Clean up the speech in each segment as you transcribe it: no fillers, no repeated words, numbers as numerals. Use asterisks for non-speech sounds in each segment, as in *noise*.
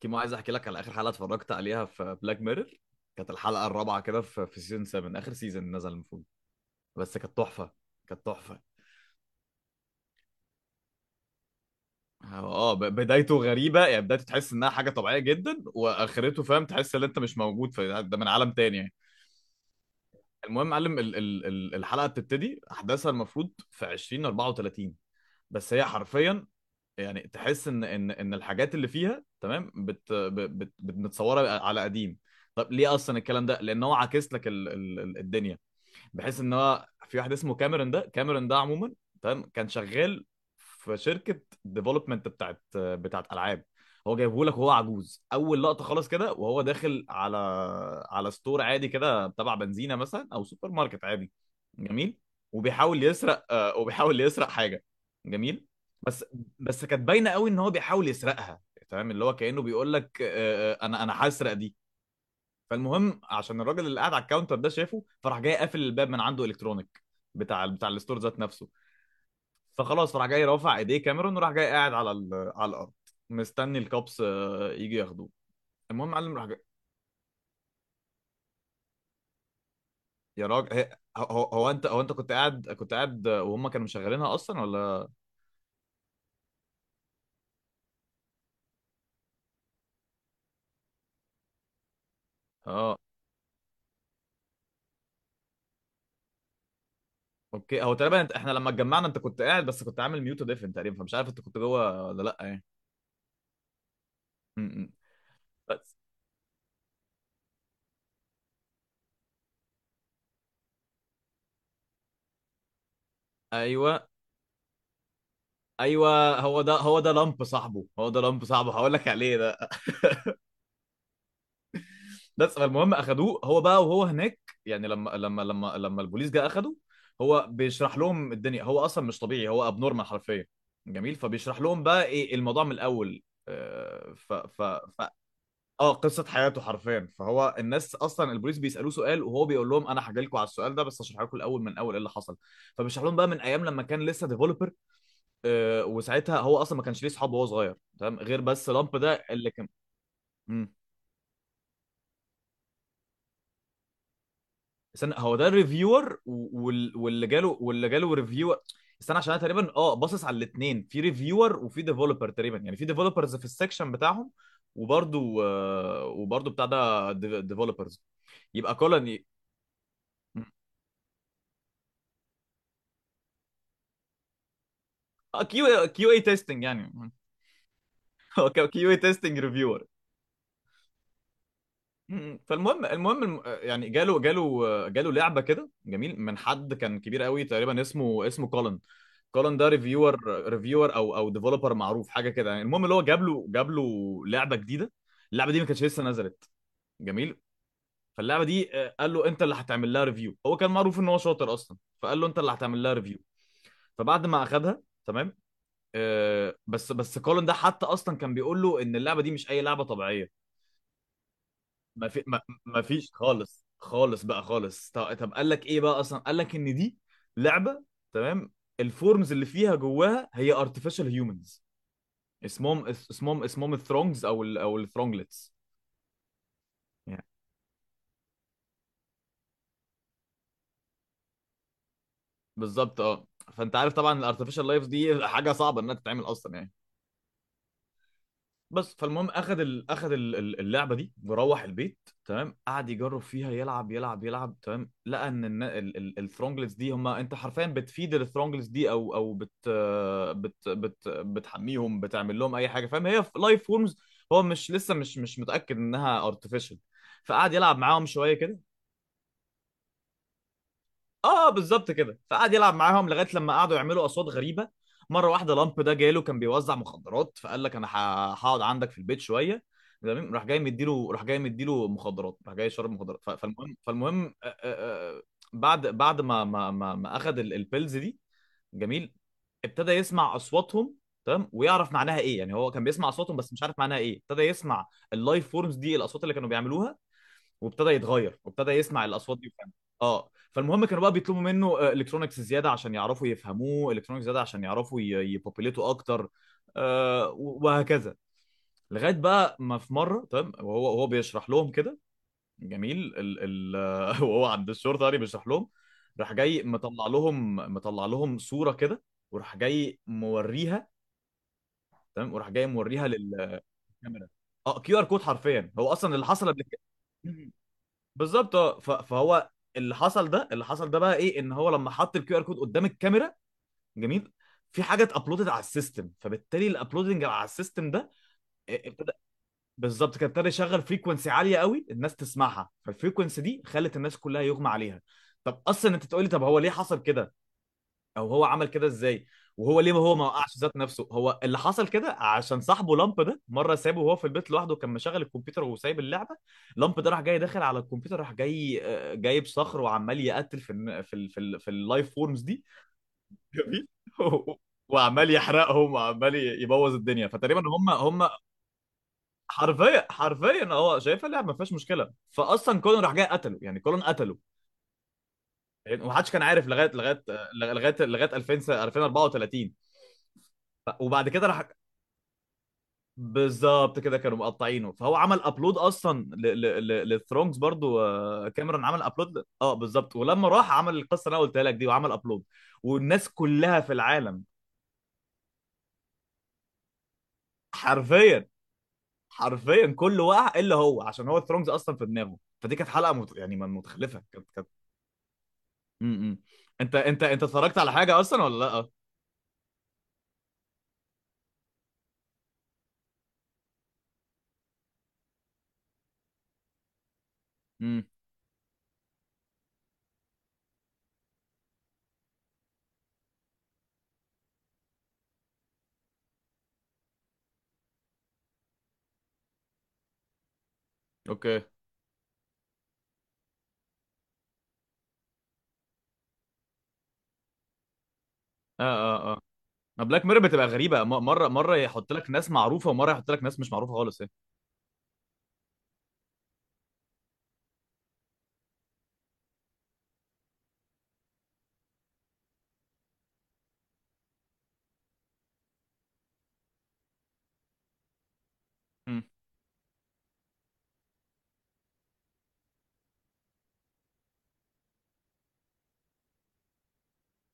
كيمو، عايز احكي لك على اخر حلقه اتفرجت عليها في بلاك ميرور. كانت الحلقه الرابعه كده في سيزون 7، اخر سيزون نزل المفروض. بس كانت تحفه. كانت تحفه. بدايته غريبه، يعني بدايته تحس انها حاجه طبيعيه جدا، واخرته فاهم تحس ان انت مش موجود في ده، من عالم تاني يعني. المهم يا معلم، الحلقه بتبتدي احداثها المفروض في 2034. بس هي حرفيا، يعني تحس ان الحاجات اللي فيها تمام متصوره على قديم. طب ليه اصلا الكلام ده؟ لان هو عاكس لك الدنيا، بحيث ان هو في واحد اسمه كاميرون. ده كاميرون ده عموما تمام كان شغال في شركه ديفلوبمنت بتاعت العاب. هو جايبه لك وهو عجوز، اول لقطه خالص كده وهو داخل على ستور عادي كده تبع بنزينه مثلا او سوبر ماركت عادي. جميل. وبيحاول يسرق، وبيحاول يسرق حاجه. جميل. بس. كانت باينه قوي ان هو بيحاول يسرقها. تمام، اللي هو كانه بيقول لك انا هسرق دي. فالمهم، عشان الراجل اللي قاعد على الكاونتر ده شافه، فراح جاي قافل الباب من عنده الكترونيك، بتاع الستور ذات نفسه. فخلاص فراح جاي رافع ايديه كاميرون، وراح جاي قاعد على على الارض، مستني الكابس يجي ياخدوه. المهم معلم راح جاي. يا راجل، هو انت كنت قاعد وهم كانوا مشغلينها اصلا ولا؟ اه اوكي، هو تقريبا احنا لما اتجمعنا انت كنت قاعد بس كنت عامل ميوت وديفن تقريبا، فمش عارف انت كنت جوه ولا لا يعني. م- م. بس. ايوه ايوه، هو ده لامب صاحبه، هقول لك عليه ده. بس فالمهم اخدوه هو بقى، وهو هناك. يعني لما البوليس جه اخده، هو بيشرح لهم الدنيا. هو اصلا مش طبيعي، هو ابنورمال حرفيا. جميل، فبيشرح لهم بقى ايه الموضوع من الاول. آه، ف ف ف اه، قصه حياته حرفيا. فهو الناس اصلا البوليس بيسالوه سؤال، وهو بيقول لهم انا هحكي لكم على السؤال ده بس هشرح لكم الاول من اول ايه اللي حصل. فبيشرح لهم بقى من ايام لما كان لسه ديفلوبر. وساعتها هو اصلا ما كانش ليه صحاب وهو صغير تمام، غير بس لامب ده اللي كان. مم. استنى، هو ده الريفيور، واللي جاله ريفيور؟ استنى، عشان انا تقريبا اه باصص على الاثنين، في ريفيور وفي ديفلوبر، تقريبا يعني في ديفلوبرز في السكشن بتاعهم. وبرضو وبرضو بتاع ده ديفلوبرز. يبقى كولن كيو، كيو اي تيستنج يعني. *laughs* هو كيو اي تيستنج ريفيور. فالمهم، يعني جاله لعبه كده جميل من حد كان كبير قوي تقريبا، اسمه كولن. كولن ده ريفيور، ريفيور او ديفلوبر معروف حاجه كده يعني. المهم، اللي هو جاب له لعبه جديده. اللعبه دي ما كانتش لسه نزلت. جميل. فاللعبه دي قال له انت اللي هتعمل لها ريفيو. هو كان معروف ان هو شاطر اصلا، فقال له انت اللي هتعمل لها ريفيو. فبعد ما اخدها تمام، بس كولن ده حتى اصلا كان بيقول له ان اللعبه دي مش اي لعبه طبيعيه. ما في ما, ما فيش خالص، خالص بقى خالص. طب قال لك ايه بقى؟ اصلا قال لك ان دي لعبه تمام، الفورمز اللي فيها جواها هي artificial humans، اسمهم اسمهم الثرونجز او الثرونجلتس يعني. بالظبط اه. فانت عارف طبعا الارتفيشال لايف دي حاجه صعبه انها تتعمل اصلا يعني. بس فالمهم، اخد اللعبه دي وروح البيت. تمام، قعد يجرب فيها يلعب يلعب يلعب. تمام، لقى ان الثرونجلز دي هم انت حرفيا بتفيد الثرونجلز دي، او او بت... بت... بت... بتحميهم بتعمل لهم اي حاجه، فاهم؟ هي لايف فورمز. هو مش لسه مش متاكد انها ارتفيشال. فقعد يلعب معاهم شويه كده. اه بالظبط كده، فقعد يلعب معاهم لغايه لما قعدوا يعملوا اصوات غريبه. مره واحده لامب ده جاله، كان بيوزع مخدرات، فقال لك انا هقعد عندك في البيت شويه. تمام، راح جاي مديله مخدرات، راح جاي شرب مخدرات. فالمهم، بعد بعد ما اخذ البيلز دي. جميل. ابتدى يسمع اصواتهم. تمام، ويعرف معناها ايه، يعني هو كان بيسمع اصواتهم بس مش عارف معناها ايه. ابتدى يسمع اللايف فورمز دي الاصوات اللي كانوا بيعملوها، وابتدى يتغير وابتدى يسمع الاصوات دي وفهم. اه فالمهم كانوا بقى بيطلبوا منه الكترونكس زياده عشان يعرفوا يفهموه، الكترونكس زياده عشان يعرفوا يبوبيليتوا اكتر، آه وهكذا. لغايه بقى ما في مره تمام وهو بيشرح لهم كده جميل ال ال *laughs* وهو عند الشرطه يعني بيشرح لهم. راح جاي مطلع لهم صوره كده، وراح جاي موريها، تمام وراح جاي موريها للكاميرا. اه كيو ار كود حرفيا، هو اصلا اللي حصل قبل كده بالظبط. اه فهو، اللي حصل ده، بقى ايه؟ ان هو لما حط الكيو ار كود قدام الكاميرا، جميل، في حاجه اتابلودت على السيستم. فبالتالي الابلودنج على السيستم ده ابتدى، بالظبط، كان ابتدى يشغل فريكونسي عاليه قوي الناس تسمعها. فالفريكونسي دي خلت الناس كلها يغمى عليها. طب اصلا انت تقولي طب هو ليه حصل كده او هو عمل كده ازاي؟ وهو ليه ما هو ما وقعش ذات نفسه؟ هو اللي حصل كده عشان صاحبه لامب ده مره سابه وهو في البيت لوحده، كان مشغل الكمبيوتر وسايب اللعبه. لامب ده راح جاي داخل على الكمبيوتر، راح جاي جايب صخر وعمال يقتل في الن- في ال- في ال- في اللايف فورمز دي. جميل *laughs* وعمال يحرقهم وعمال يبوظ الدنيا. فتقريبا هم حرفيا، حرفيا هو شايفها اللعبه ما فيهاش مشكله. فاصلا كولن راح جاي قتله، يعني كولن قتله. ومحدش كان عارف لغايه 2000 2034. وبعد كده راح. بالظبط كده، كانوا مقطعينه، فهو عمل ابلود اصلا للثرونجز برضو، كاميرون عمل ابلود بالظبط. ولما راح عمل القصه اللي انا قلتها لك دي، وعمل ابلود، والناس كلها في العالم، حرفيا، حرفيا كله وقع الا هو، عشان هو الثرونجز اصلا في دماغه. فدي كانت حلقه متخلفه، كانت كانت. م- م. انت اتفرجت على حاجه اصلا ولا لا؟ امم. اوكي. اه اه اه، بلاك ميرور بتبقى غريبه، مره مره يحط لك ناس معروفه ومره يحط لك ناس مش معروفه خالص ايه. امم.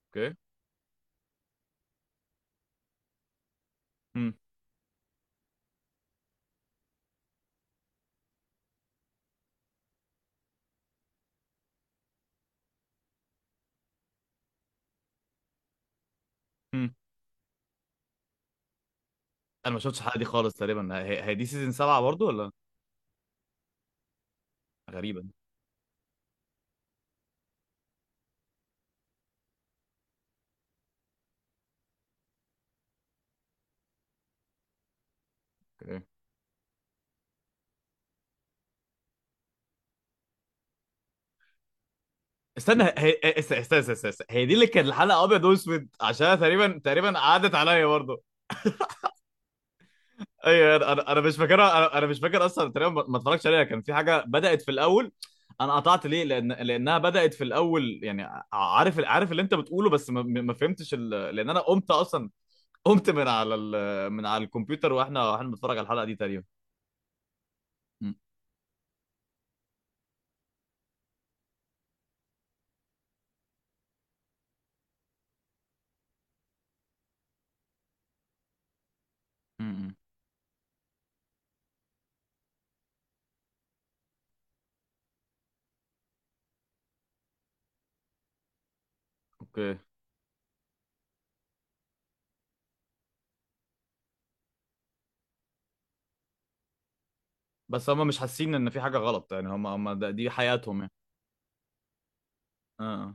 اوكي. امم. انا ما شفتش الحلقه دي خالص تقريبا. هي دي سيزون 7 برضو ولا؟ غريبا. اوكي، استنى. هي دي اللي كانت الحلقه ابيض واسود، عشان تقريبا تقريبا عادت عليا برضو. ايوه. انا انا أنا مش فاكرها. انا أنا مش فاكر اصلا تقريبا، ما اتفرجتش عليها. كان في حاجه بدات في الاول، انا قطعت ليه لان لانها بدات في الاول يعني. عارف عارف اللي انت بتقوله بس ما فهمتش ال... لان انا قمت اصلا، قمت من على ال... من على الكمبيوتر واحنا بنتفرج على الحلقه دي تقريبا. م- م- م. اوكي. بس هم مش حاسين ان في حاجه غلط يعني؟ هم ده دي حياتهم يعني. اه آه.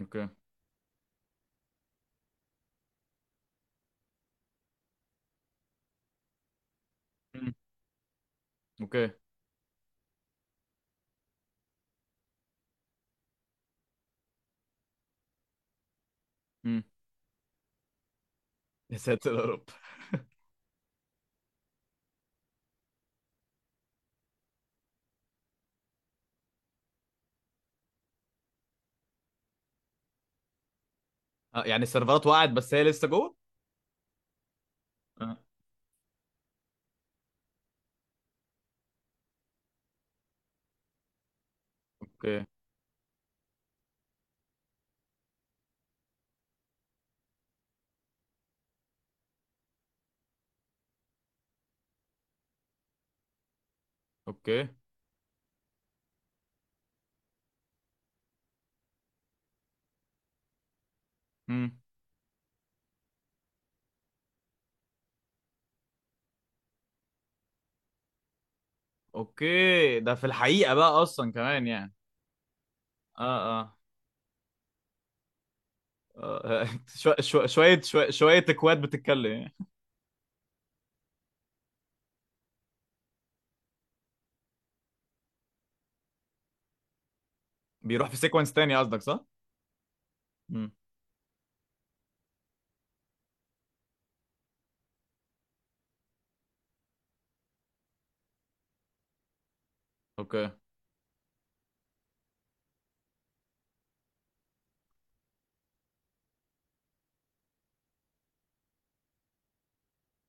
اوكي. مم. اوكي. مم. يا ساتر يا رب *laughs* آه يعني السيرفرات وقعت بس هي لسه جوه. اه. اوكي. اوكي. مم. اوكي. ده في الحقيقه بقى اصلا كمان يعني. اه. اه. *laughs* آه. شويه شويه شويه اكواد بتتكلم يعني. بيروح في سيكونس تاني قصدك، صح؟ مم. اوكي.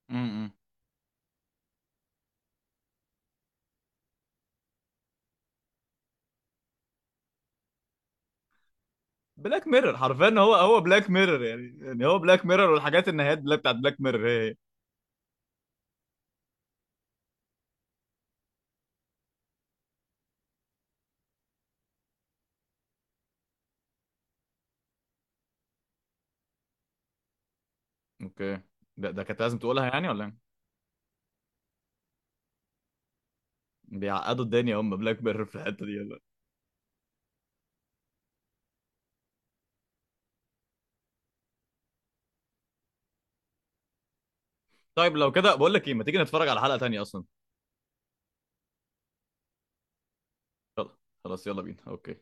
امم. بلاك ميرور حرفيا، هو بلاك ميرور يعني هو بلاك ميرور، والحاجات النهايات بلاك بتاعت بلاك ميرور هي. اوكي، ده كانت لازم تقولها يعني ولا ايه؟ بيعقدوا الدنيا هم بلاك بيرر في الحته دي، يلا. طيب لو كده بقول لك ايه، ما تيجي نتفرج على حلقه تانية اصلا. يلا. خلاص يلا بينا اوكي.